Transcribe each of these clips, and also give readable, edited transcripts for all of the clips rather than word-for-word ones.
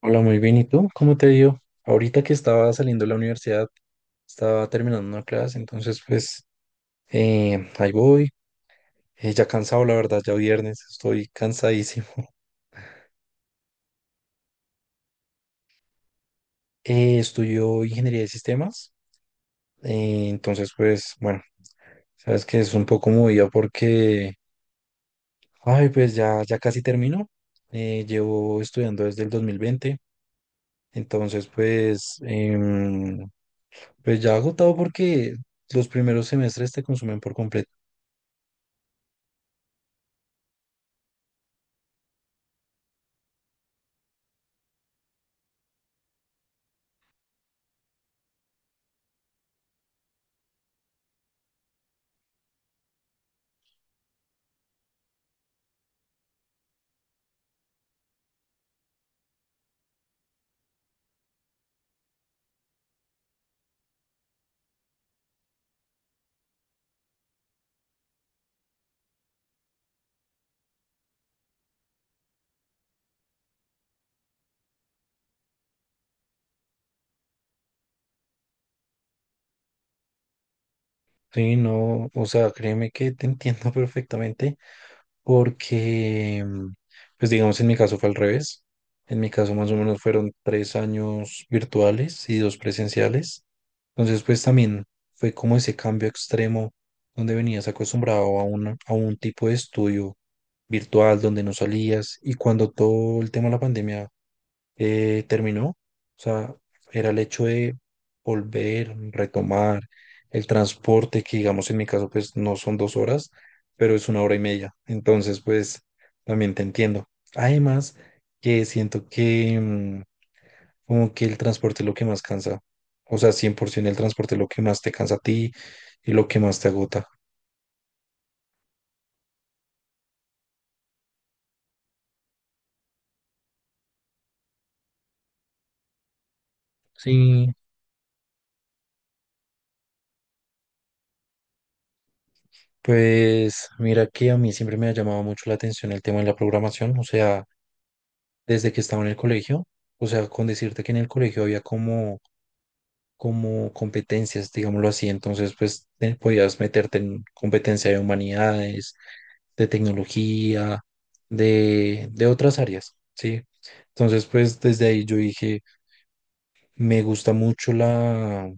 Hola, muy bien. ¿Y tú? ¿Cómo te dio? Ahorita que estaba saliendo de la universidad, estaba terminando una clase, entonces pues ahí voy. Ya cansado, la verdad, ya viernes, estoy cansadísimo. Estudio ingeniería de sistemas, entonces pues bueno, sabes que es un poco movida porque, ay, pues ya casi termino. Llevo estudiando desde el 2020, entonces pues ya agotado porque los primeros semestres te consumen por completo. Sí, no, o sea, créeme que te entiendo perfectamente porque, pues digamos, en mi caso fue al revés. En mi caso más o menos fueron 3 años virtuales y 2 presenciales. Entonces, pues también fue como ese cambio extremo donde venías acostumbrado a un tipo de estudio virtual donde no salías, y cuando todo el tema de la pandemia terminó. O sea, era el hecho de volver, retomar el transporte, que digamos, en mi caso, pues no son 2 horas, pero es 1 hora y media. Entonces, pues también te entiendo. Además, que siento que como que el transporte es lo que más cansa. O sea, 100% el transporte es lo que más te cansa a ti y lo que más te agota. Sí. Pues mira que a mí siempre me ha llamado mucho la atención el tema de la programación, o sea, desde que estaba en el colegio. O sea, con decirte que en el colegio había como competencias, digámoslo así. Entonces pues podías meterte en competencia de humanidades, de tecnología, de otras áreas, ¿sí? Entonces pues desde ahí yo dije, me gusta mucho la,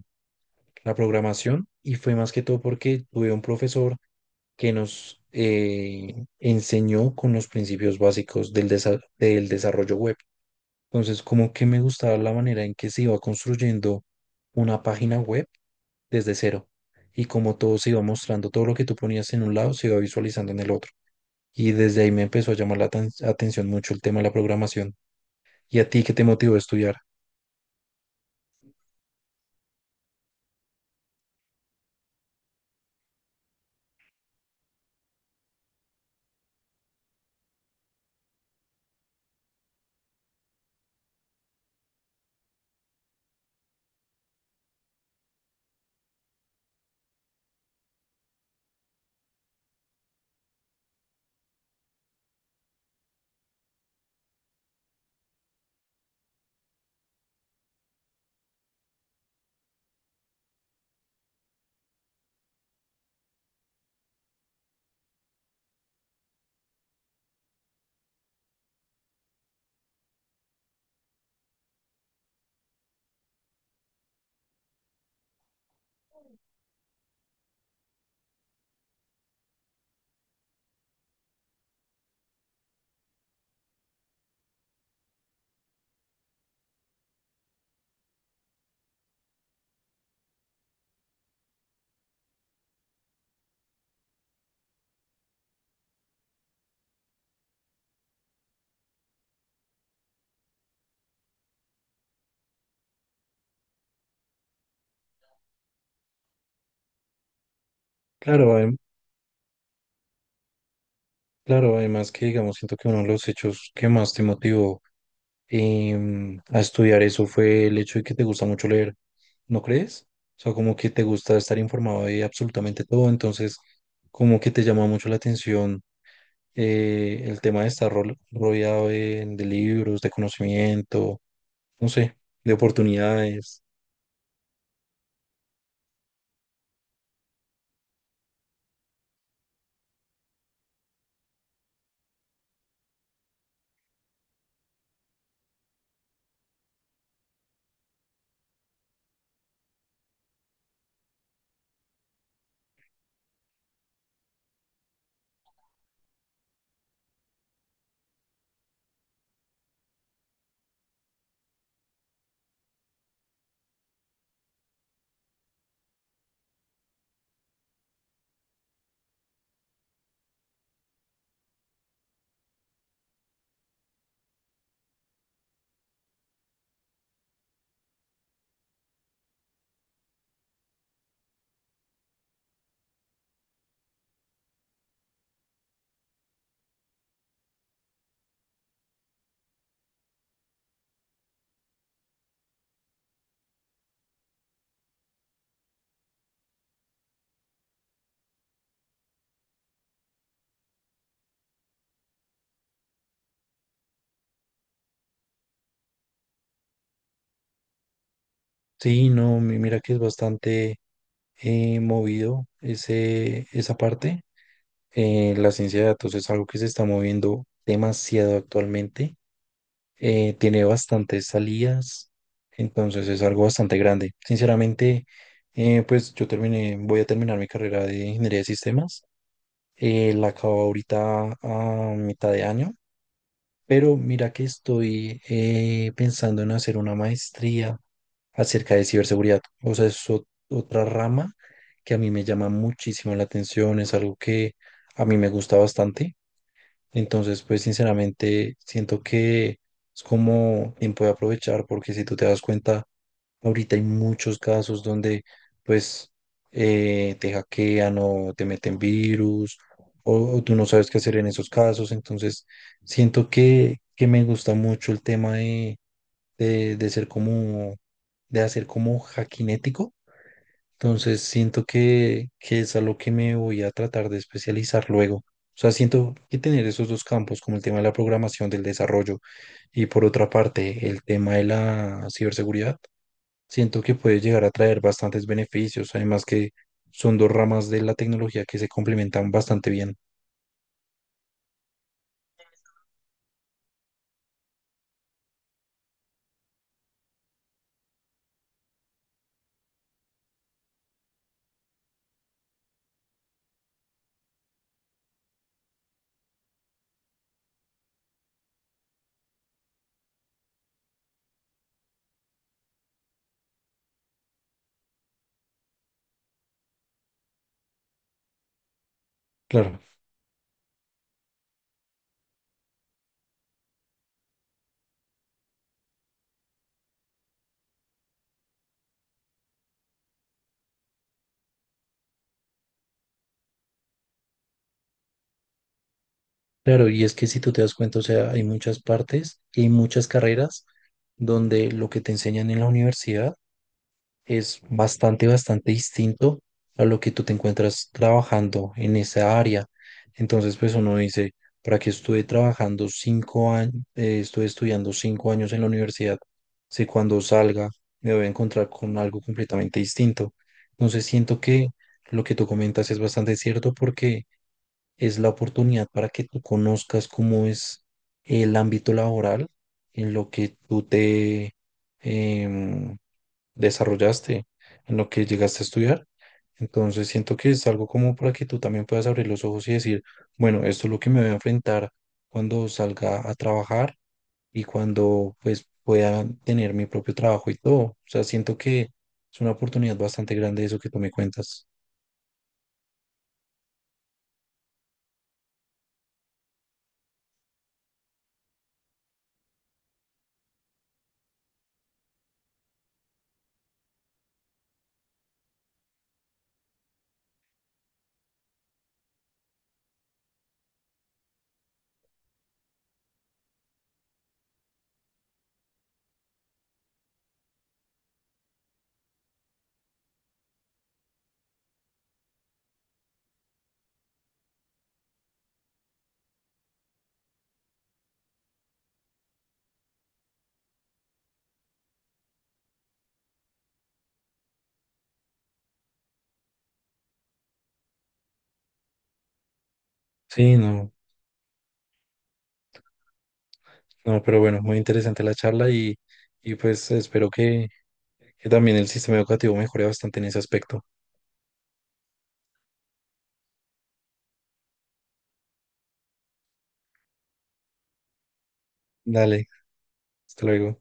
la programación, y fue más que todo porque tuve un profesor que nos enseñó con los principios básicos del desarrollo web. Entonces, como que me gustaba la manera en que se iba construyendo una página web desde cero, y como todo se iba mostrando, todo lo que tú ponías en un lado se iba visualizando en el otro. Y desde ahí me empezó a llamar la atención mucho el tema de la programación. ¿Y a ti qué te motivó a estudiar? Claro, adem- claro, además que digamos, siento que uno de los hechos que más te motivó, a estudiar eso, fue el hecho de que te gusta mucho leer, ¿no crees? O sea, como que te gusta estar informado de absolutamente todo, entonces como que te llama mucho la atención el tema de estar rodeado de libros, de conocimiento, no sé, de oportunidades. Sí, no, mira que es bastante, movido esa parte. La ciencia de datos es algo que se está moviendo demasiado actualmente, tiene bastantes salidas, entonces es algo bastante grande. Sinceramente, pues voy a terminar mi carrera de ingeniería de sistemas. La acabo ahorita a mitad de año, pero mira que estoy pensando en hacer una maestría acerca de ciberseguridad. O sea, es otra rama que a mí me llama muchísimo la atención, es algo que a mí me gusta bastante. Entonces, pues sinceramente siento que es como tiempo de aprovechar, porque si tú te das cuenta, ahorita hay muchos casos donde pues te hackean o te meten virus, o tú no sabes qué hacer en esos casos. Entonces, siento que me gusta mucho el tema de de hacer como hackinético, entonces siento que es a lo que me voy a tratar de especializar luego. O sea, siento que tener esos dos campos, como el tema de la programación del desarrollo, y por otra parte el tema de la ciberseguridad, siento que puede llegar a traer bastantes beneficios, además que son dos ramas de la tecnología que se complementan bastante bien. Claro, claro, y es que si tú te das cuenta, o sea, hay muchas partes y hay muchas carreras donde lo que te enseñan en la universidad es bastante, bastante distinto a lo que tú te encuentras trabajando en esa área. Entonces, pues uno dice, ¿para qué estuve estudiando 5 años en la universidad? Si cuando salga me voy a encontrar con algo completamente distinto. Entonces, siento que lo que tú comentas es bastante cierto porque es la oportunidad para que tú conozcas cómo es el ámbito laboral en lo que tú te... em, desarrollaste, en lo que llegaste a estudiar. Entonces siento que es algo como para que tú también puedas abrir los ojos y decir, bueno, esto es lo que me voy a enfrentar cuando salga a trabajar, y cuando pues pueda tener mi propio trabajo y todo. O sea, siento que es una oportunidad bastante grande eso que tú me cuentas. Sí, no, no, pero bueno, muy interesante la charla, y pues espero que también el sistema educativo mejore bastante en ese aspecto. Dale, hasta luego.